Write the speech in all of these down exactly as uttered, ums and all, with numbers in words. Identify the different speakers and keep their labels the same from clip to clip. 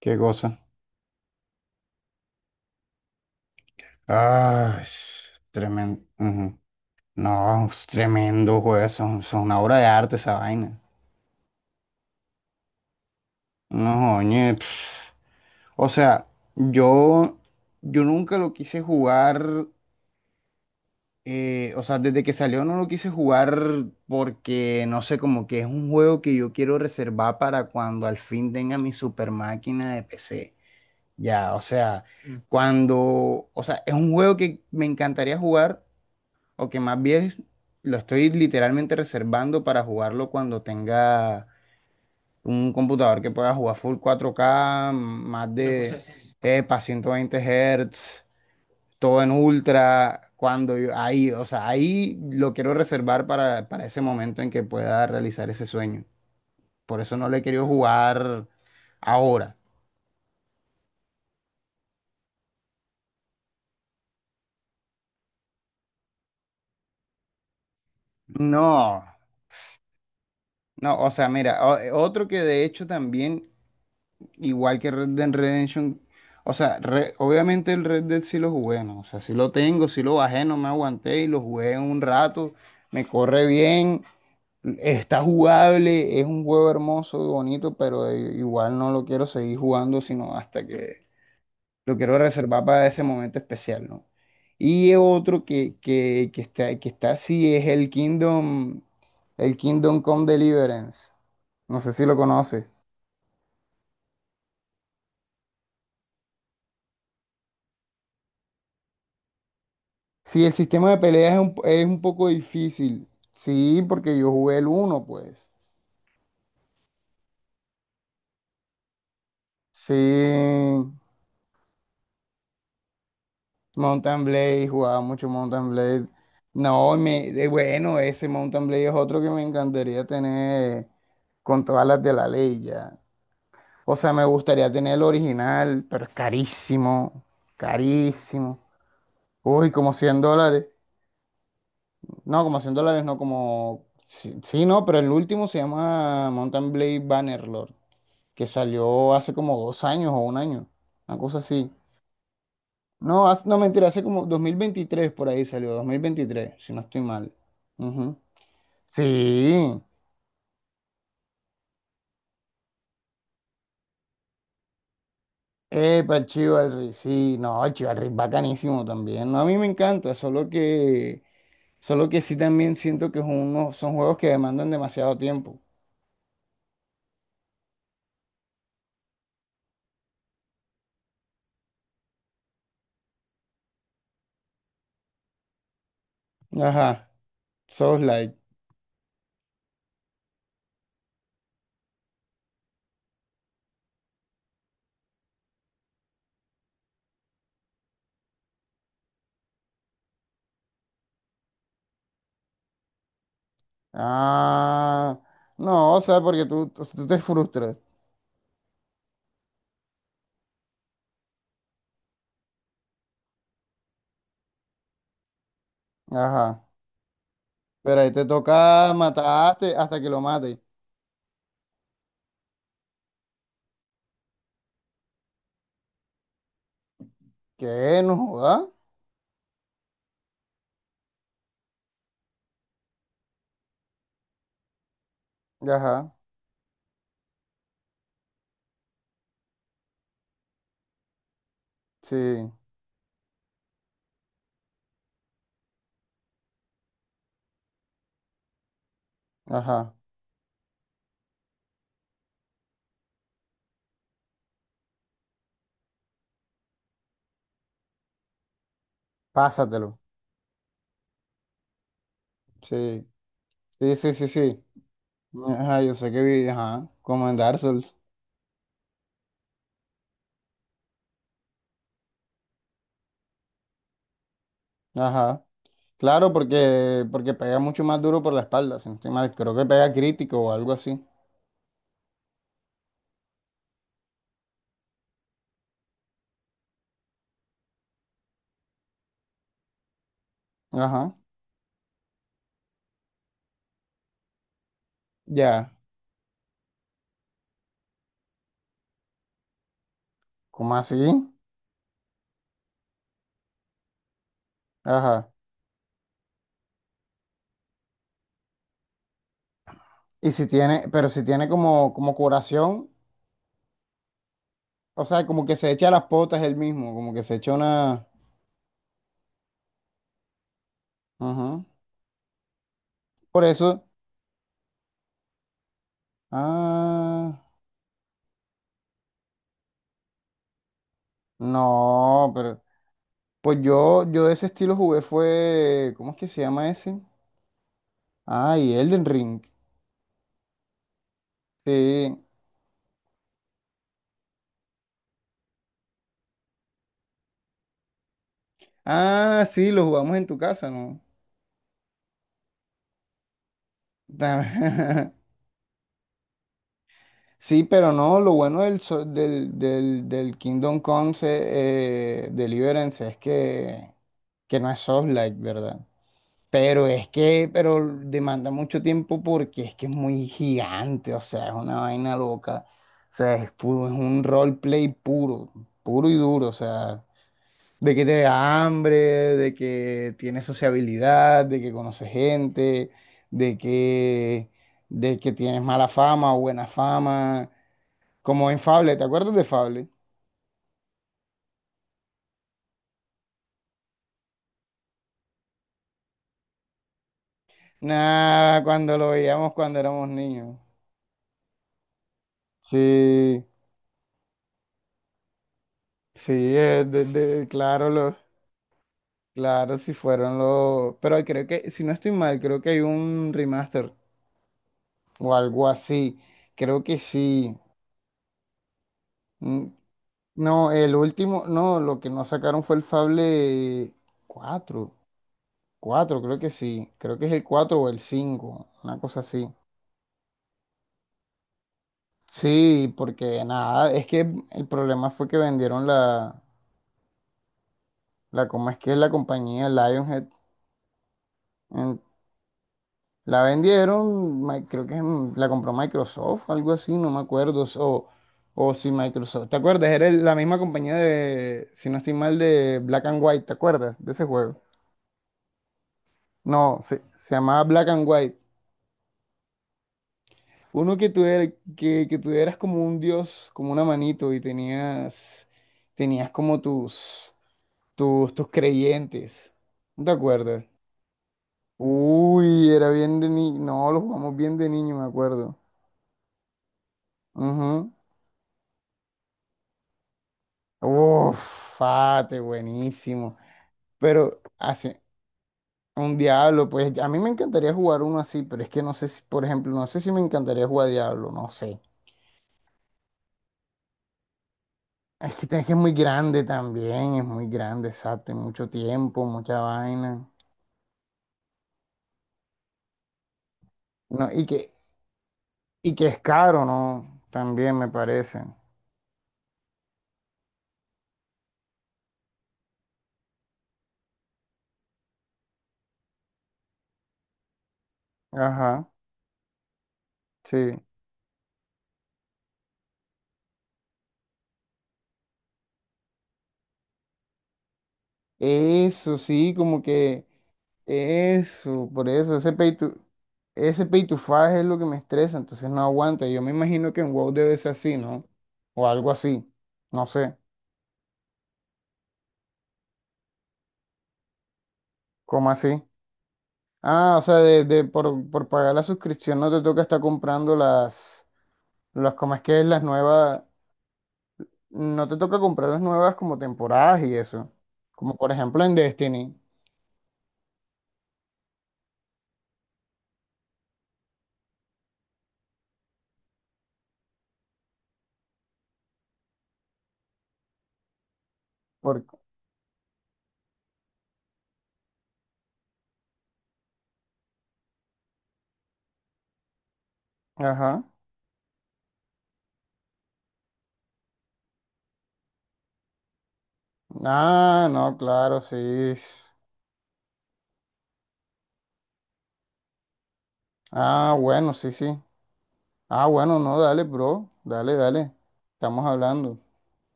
Speaker 1: Qué cosa. Ah, tremendo. No, es tremendo, juez. Eso, eso es una obra de arte esa vaina. No, oye. O sea, yo, yo nunca lo quise jugar. Eh, o sea, desde que salió no lo quise jugar porque, no sé, como que es un juego que yo quiero reservar para cuando al fin tenga mi super máquina de P C. Ya, o sea, cuando, o sea, es un juego que me encantaría jugar, o que más bien lo estoy literalmente reservando para jugarlo cuando tenga un computador que pueda jugar full cuatro K, más una cosa de así. Epa, ciento veinte Hz, todo en ultra, cuando yo- ahí, o sea, ahí lo quiero reservar para, para ese momento en que pueda realizar ese sueño. Por eso no lo he querido jugar ahora. No, no, o sea, mira, o- otro que de hecho también igual que Red Dead Redemption. O sea, re- obviamente el Red Dead sí lo jugué, ¿no? O sea, sí lo tengo, sí lo bajé, no me aguanté y lo jugué un rato. Me corre bien, está jugable, es un juego hermoso y bonito, pero i- igual no lo quiero seguir jugando, sino hasta que lo quiero reservar para ese momento especial, ¿no? Y otro que, que, que está, que está así es el Kingdom, el Kingdom Come Deliverance. No sé si lo conoces. Sí, el sistema de peleas es un, es un poco difícil. Sí, porque yo jugué el uno, pues. Sí, Mountain Blade, jugaba mucho Mountain Blade. No, me, de- bueno, ese Mountain Blade es otro que me encantaría tener con todas las de la ley ya. O sea, me gustaría tener el original, pero es carísimo, carísimo. Uy, como cien dólares. No, como cien dólares, no como... Sí, sí, no, pero el último se llama Mountain Blade Bannerlord, que salió hace como dos años o un año, una cosa así. No, hace- no, mentira, hace como dos mil veintitrés por ahí salió, dos mil veintitrés, si no estoy mal. Ujú. Sí, epa, Chivalry, sí, no, Chivalry es bacanísimo también. No, a mí me encanta, solo que, solo que sí también siento que es uno- son juegos que demandan demasiado tiempo. Ajá, Souls like. Ah, no, o sea, porque tú, o sea, tú te frustras. Ajá. Pero ahí te toca matarte hasta que lo mate. ¿Qué? No joda. Ajá. Sí. Ajá. Pásatelo. Sí. Sí, sí, sí, sí. Ajá, yo sé que vi, ajá. Como en Dark Souls. Ajá. Claro, porque, porque pega mucho más duro por la espalda, si no estoy mal. Creo que pega crítico o algo así. Ajá. Ya. ¿Cómo así? Ajá. Y si tiene, pero si tiene como, como curación. O sea, como que se echa las potas él mismo, como que se echa una... Ujú. Por eso... Ah, no, pero... Pues yo, yo de ese estilo jugué fue... ¿Cómo es que se llama ese? Ay, Elden Ring. Sí. Ah, sí, lo jugamos en tu casa, ¿no? Ta- Sí, pero no, lo bueno del, so- del, del, del Kingdom Come se- eh, Deliverance es que, que no es Souls-like, ¿verdad? Pero es que, pero demanda mucho tiempo porque es que es muy gigante, o sea, es una vaina loca. O sea, es puro, es un roleplay puro, puro y duro, o sea, de que te da hambre, de que tienes sociabilidad, de que conoces gente, de que, de que tienes mala fama o buena fama, como en Fable. ¿Te acuerdas de Fable? Nada, cuando lo veíamos cuando éramos niños. Sí, sí, eh, de- de- claro, lo... Claro, si fueron los... Pero creo que, si no estoy mal, creo que hay un remaster o algo así. Creo que sí. Mm, no, el último, no, lo que no sacaron fue el Fable cuatro, cuatro, creo que sí. Creo que es el cuatro o el cinco, una cosa así. Sí, porque nada, es que el problema fue que vendieron la, la, ¿cómo es que es la compañía Lionhead? La vendieron, mi- creo que en- la compró Microsoft, algo así, no me acuerdo. O, o si Microsoft, ¿te acuerdas? Era el- la misma compañía de, si no estoy mal, de Black and White. ¿Te acuerdas de ese juego? No, se, se llamaba Black and White. Uno que tú, er- que, que tú eras como un dios, como una manito, y tenías, tenías como tus, tus, tus creyentes. ¿No te acuerdas? Uy, era bien de niño. No, lo jugamos bien de niño, me acuerdo. Ujú. Uf, Fate, buenísimo. Pero hace un Diablo, pues a mí me encantaría jugar uno así, pero es que no sé si, por ejemplo, no sé si me encantaría jugar Diablo, no sé. Es que es que es muy grande también, es muy grande, exacto, y mucho tiempo, mucha vaina. No, y que, y que es caro, ¿no? También me parece. Ajá, sí. Eso sí, como que eso, por eso, ese pay to, ese pay to five es lo que me estresa, entonces no aguanta. Yo me imagino que en WoW debe ser así, ¿no? O algo así, no sé, ¿cómo así? Ah, o sea, de, de- por, por pagar la suscripción no te toca estar comprando las, las, ¿cómo es que es? Las nuevas, no te toca comprar las nuevas como temporadas y eso, como por ejemplo en Destiny. Por, ajá. Ah, no, claro, sí. Ah, bueno, sí, sí. Ah, bueno, no, dale, bro. Dale, dale. Estamos hablando.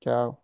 Speaker 1: Chao.